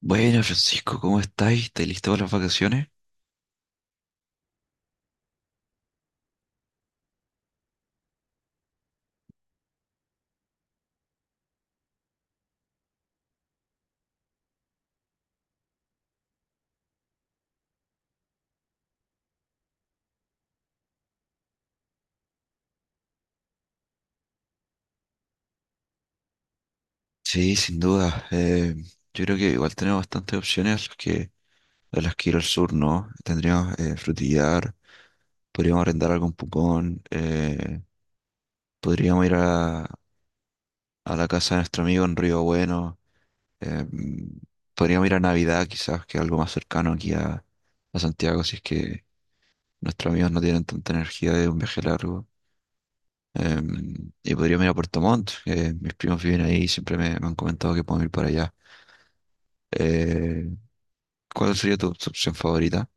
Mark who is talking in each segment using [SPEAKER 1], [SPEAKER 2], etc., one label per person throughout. [SPEAKER 1] Bueno, Francisco, ¿cómo estáis? ¿Estáis listo para las vacaciones? Sí, sin duda. Yo creo que igual tenemos bastantes opciones a las que ir al sur, ¿no? Tendríamos Frutillar, podríamos arrendar algún pupón, podríamos ir a la casa de nuestro amigo en Río Bueno, eh, podríamos ir a Navidad quizás, que es algo más cercano aquí a Santiago, si es que nuestros amigos no tienen tanta energía de un viaje largo. Y podríamos ir a Puerto Montt, que mis primos viven ahí y siempre me han comentado que podemos ir para allá. Eh, ¿Cuál sería tu opción favorita?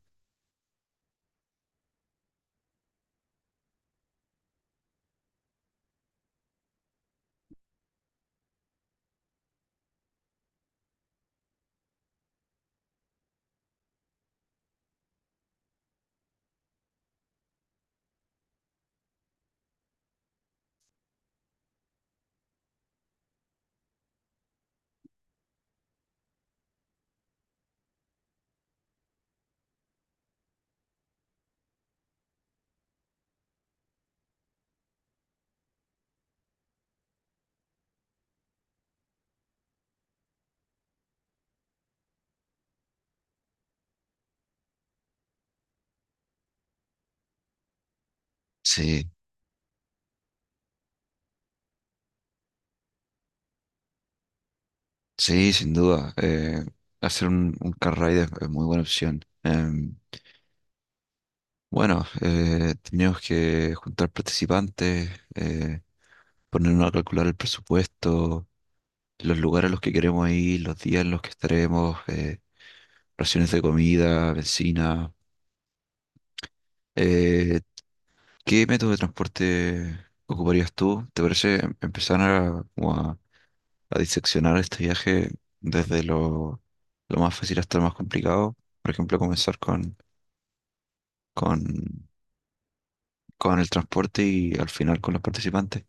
[SPEAKER 1] Sí, sí, sin duda. Hacer un car ride es muy buena opción. Bueno, tenemos que juntar participantes, eh, ponernos a calcular el presupuesto, los lugares a los que queremos ir, los días en los que estaremos, raciones de comida, benzina. Eh, ¿Qué método de transporte ocuparías tú? ¿Te parece empezar como a diseccionar este viaje desde lo más fácil hasta lo más complicado? Por ejemplo, comenzar con, con el transporte y al final con los participantes.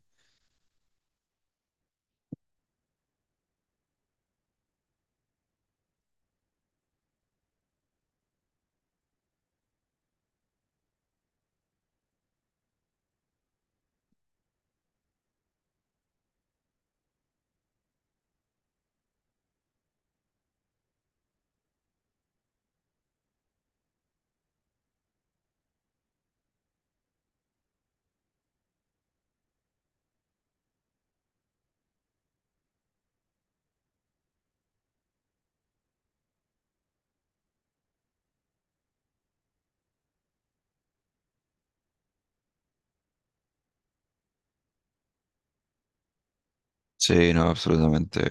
[SPEAKER 1] Sí, no, absolutamente.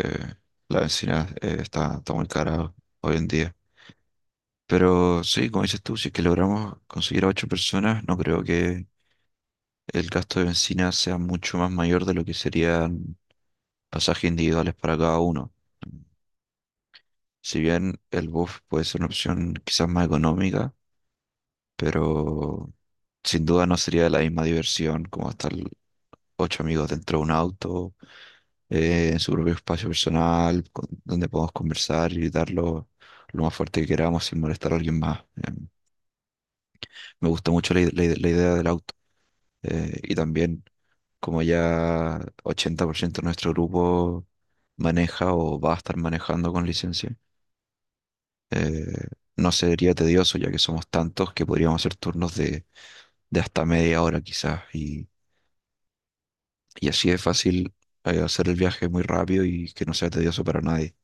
[SPEAKER 1] La benzina está muy cara hoy en día. Pero sí, como dices tú, si es que logramos conseguir a ocho personas, no creo que el gasto de benzina sea mucho más mayor de lo que sería pasajes individuales para cada uno. Si bien el bus puede ser una opción quizás más económica, pero sin duda no sería la misma diversión como estar ocho amigos dentro de un auto, en su propio espacio personal, donde podamos conversar y dar lo más fuerte que queramos sin molestar a alguien más. Me gusta mucho la idea del auto. Y también como ya 80% de nuestro grupo maneja o va a estar manejando con licencia. Eh, no sería tedioso ya que somos tantos que podríamos hacer turnos de hasta media hora quizás y así es fácil hacer el viaje muy rápido y que no sea tedioso para nadie.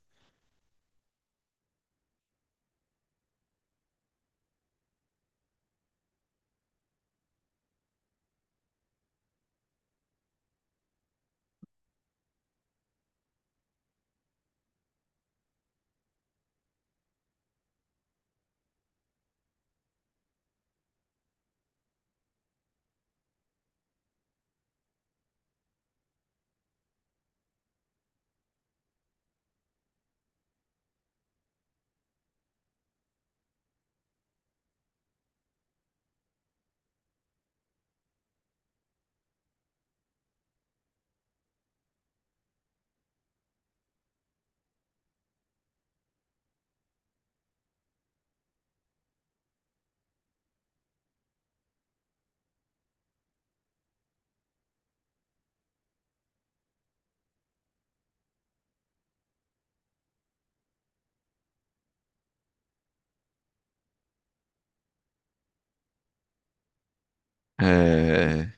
[SPEAKER 1] Eh,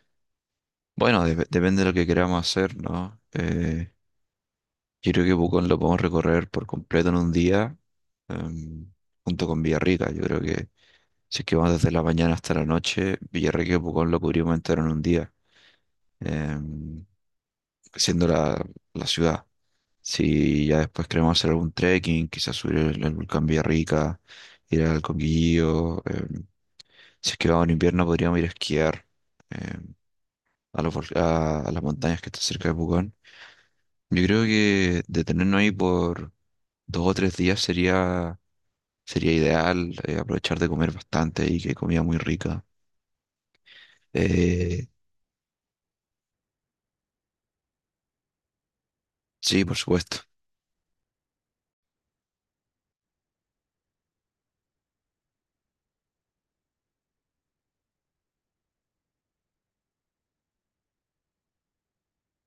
[SPEAKER 1] bueno, depende de lo que queramos hacer, ¿no? Yo creo que Pucón lo podemos recorrer por completo en un día em, junto con Villarrica. Yo creo que si es que vamos desde la mañana hasta la noche, Villarrica y Pucón lo cubrimos entero en un día. em, Siendo la ciudad. Si ya después queremos hacer algún trekking, quizás subir el volcán Villarrica, ir al Conguillío. Si es que vamos en invierno, podríamos ir a esquiar em, a, los vol- a las montañas que están cerca de Pucón. Yo creo que detenernos ahí por 2 o 3 días sería ideal, aprovechar de comer bastante y que hay comida muy rica. Eh, sí, por supuesto.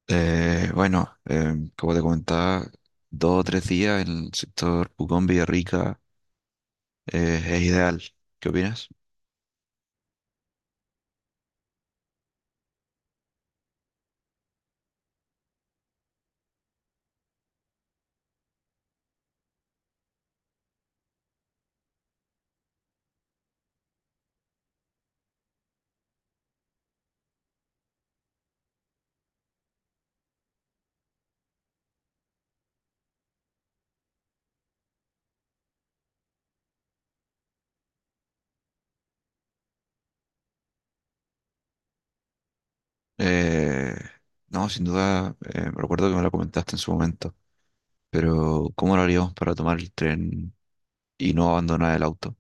[SPEAKER 1] Bueno, como te comentaba, 2 o 3 días en el sector Pucón Villarrica es ideal. ¿Qué opinas? Eh, no, sin duda, recuerdo que me lo comentaste en su momento, pero ¿cómo lo haríamos para tomar el tren y no abandonar el auto?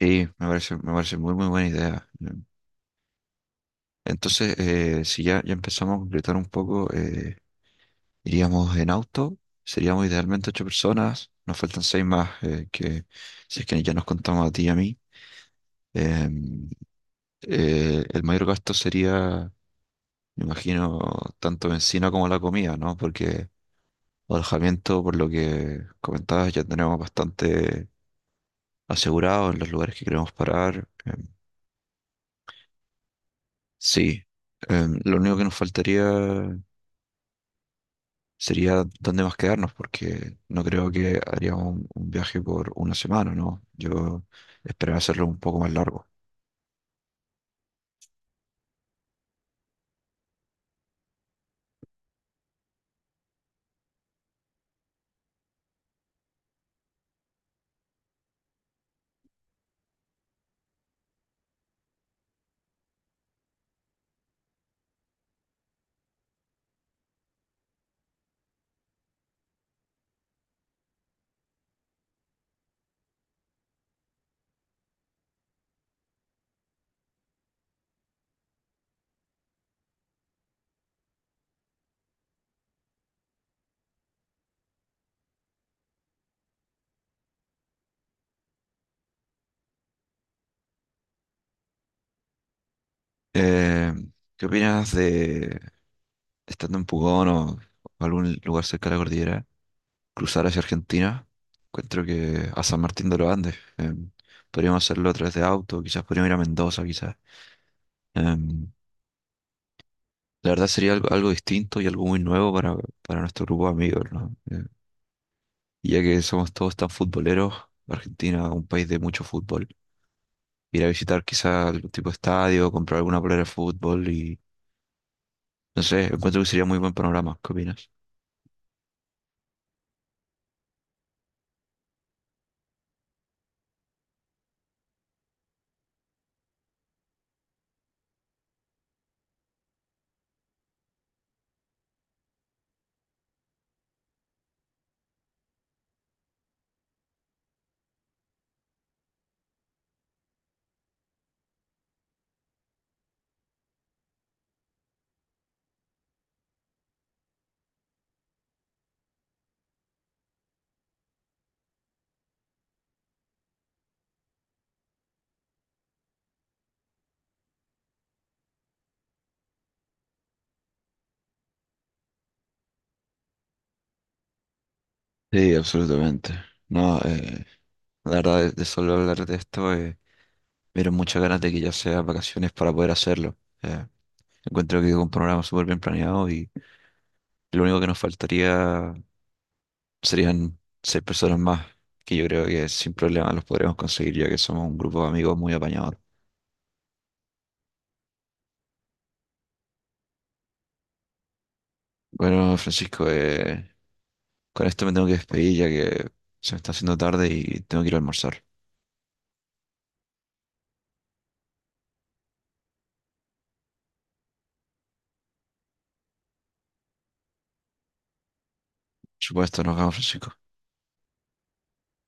[SPEAKER 1] Sí, me parece muy, muy buena idea. Entonces, si ya empezamos a concretar un poco, iríamos en auto, seríamos idealmente ocho personas, nos faltan seis más, que si es que ya nos contamos a ti y a mí. Em, el mayor gasto sería, me imagino, tanto bencina como la comida, ¿no? Porque alojamiento, por lo que comentabas, ya tenemos bastante asegurado en los lugares que queremos parar. Sí. Lo único que nos faltaría sería dónde más quedarnos, porque no creo que haríamos un viaje por una semana, ¿no? Yo esperaba hacerlo un poco más largo. Eh, ¿Qué opinas estando en Pucón o algún lugar cerca de la cordillera, cruzar hacia Argentina? Encuentro que a San Martín de los Andes. Podríamos hacerlo a través de auto, quizás podríamos ir a Mendoza, quizás. Eh, la verdad sería algo distinto y algo muy nuevo para nuestro grupo de amigos, ¿no? Y ya que somos todos tan futboleros, Argentina, un país de mucho fútbol, ir a visitar quizá algún tipo de estadio, comprar alguna polera de fútbol y no sé, encuentro que sería muy buen panorama. ¿Qué opinas? Sí, absolutamente. No, la verdad, de solo hablar de esto, me dieron muchas ganas de que ya sea vacaciones para poder hacerlo. Eh, Encuentro que es un programa súper bien planeado y lo único que nos faltaría serían seis personas más, que yo creo que sin problema los podremos conseguir ya que somos un grupo de amigos muy apañador. Bueno, Francisco, con esto me tengo que despedir ya que se me está haciendo tarde y tengo que ir a almorzar. Por supuesto, nos vemos, Francisco.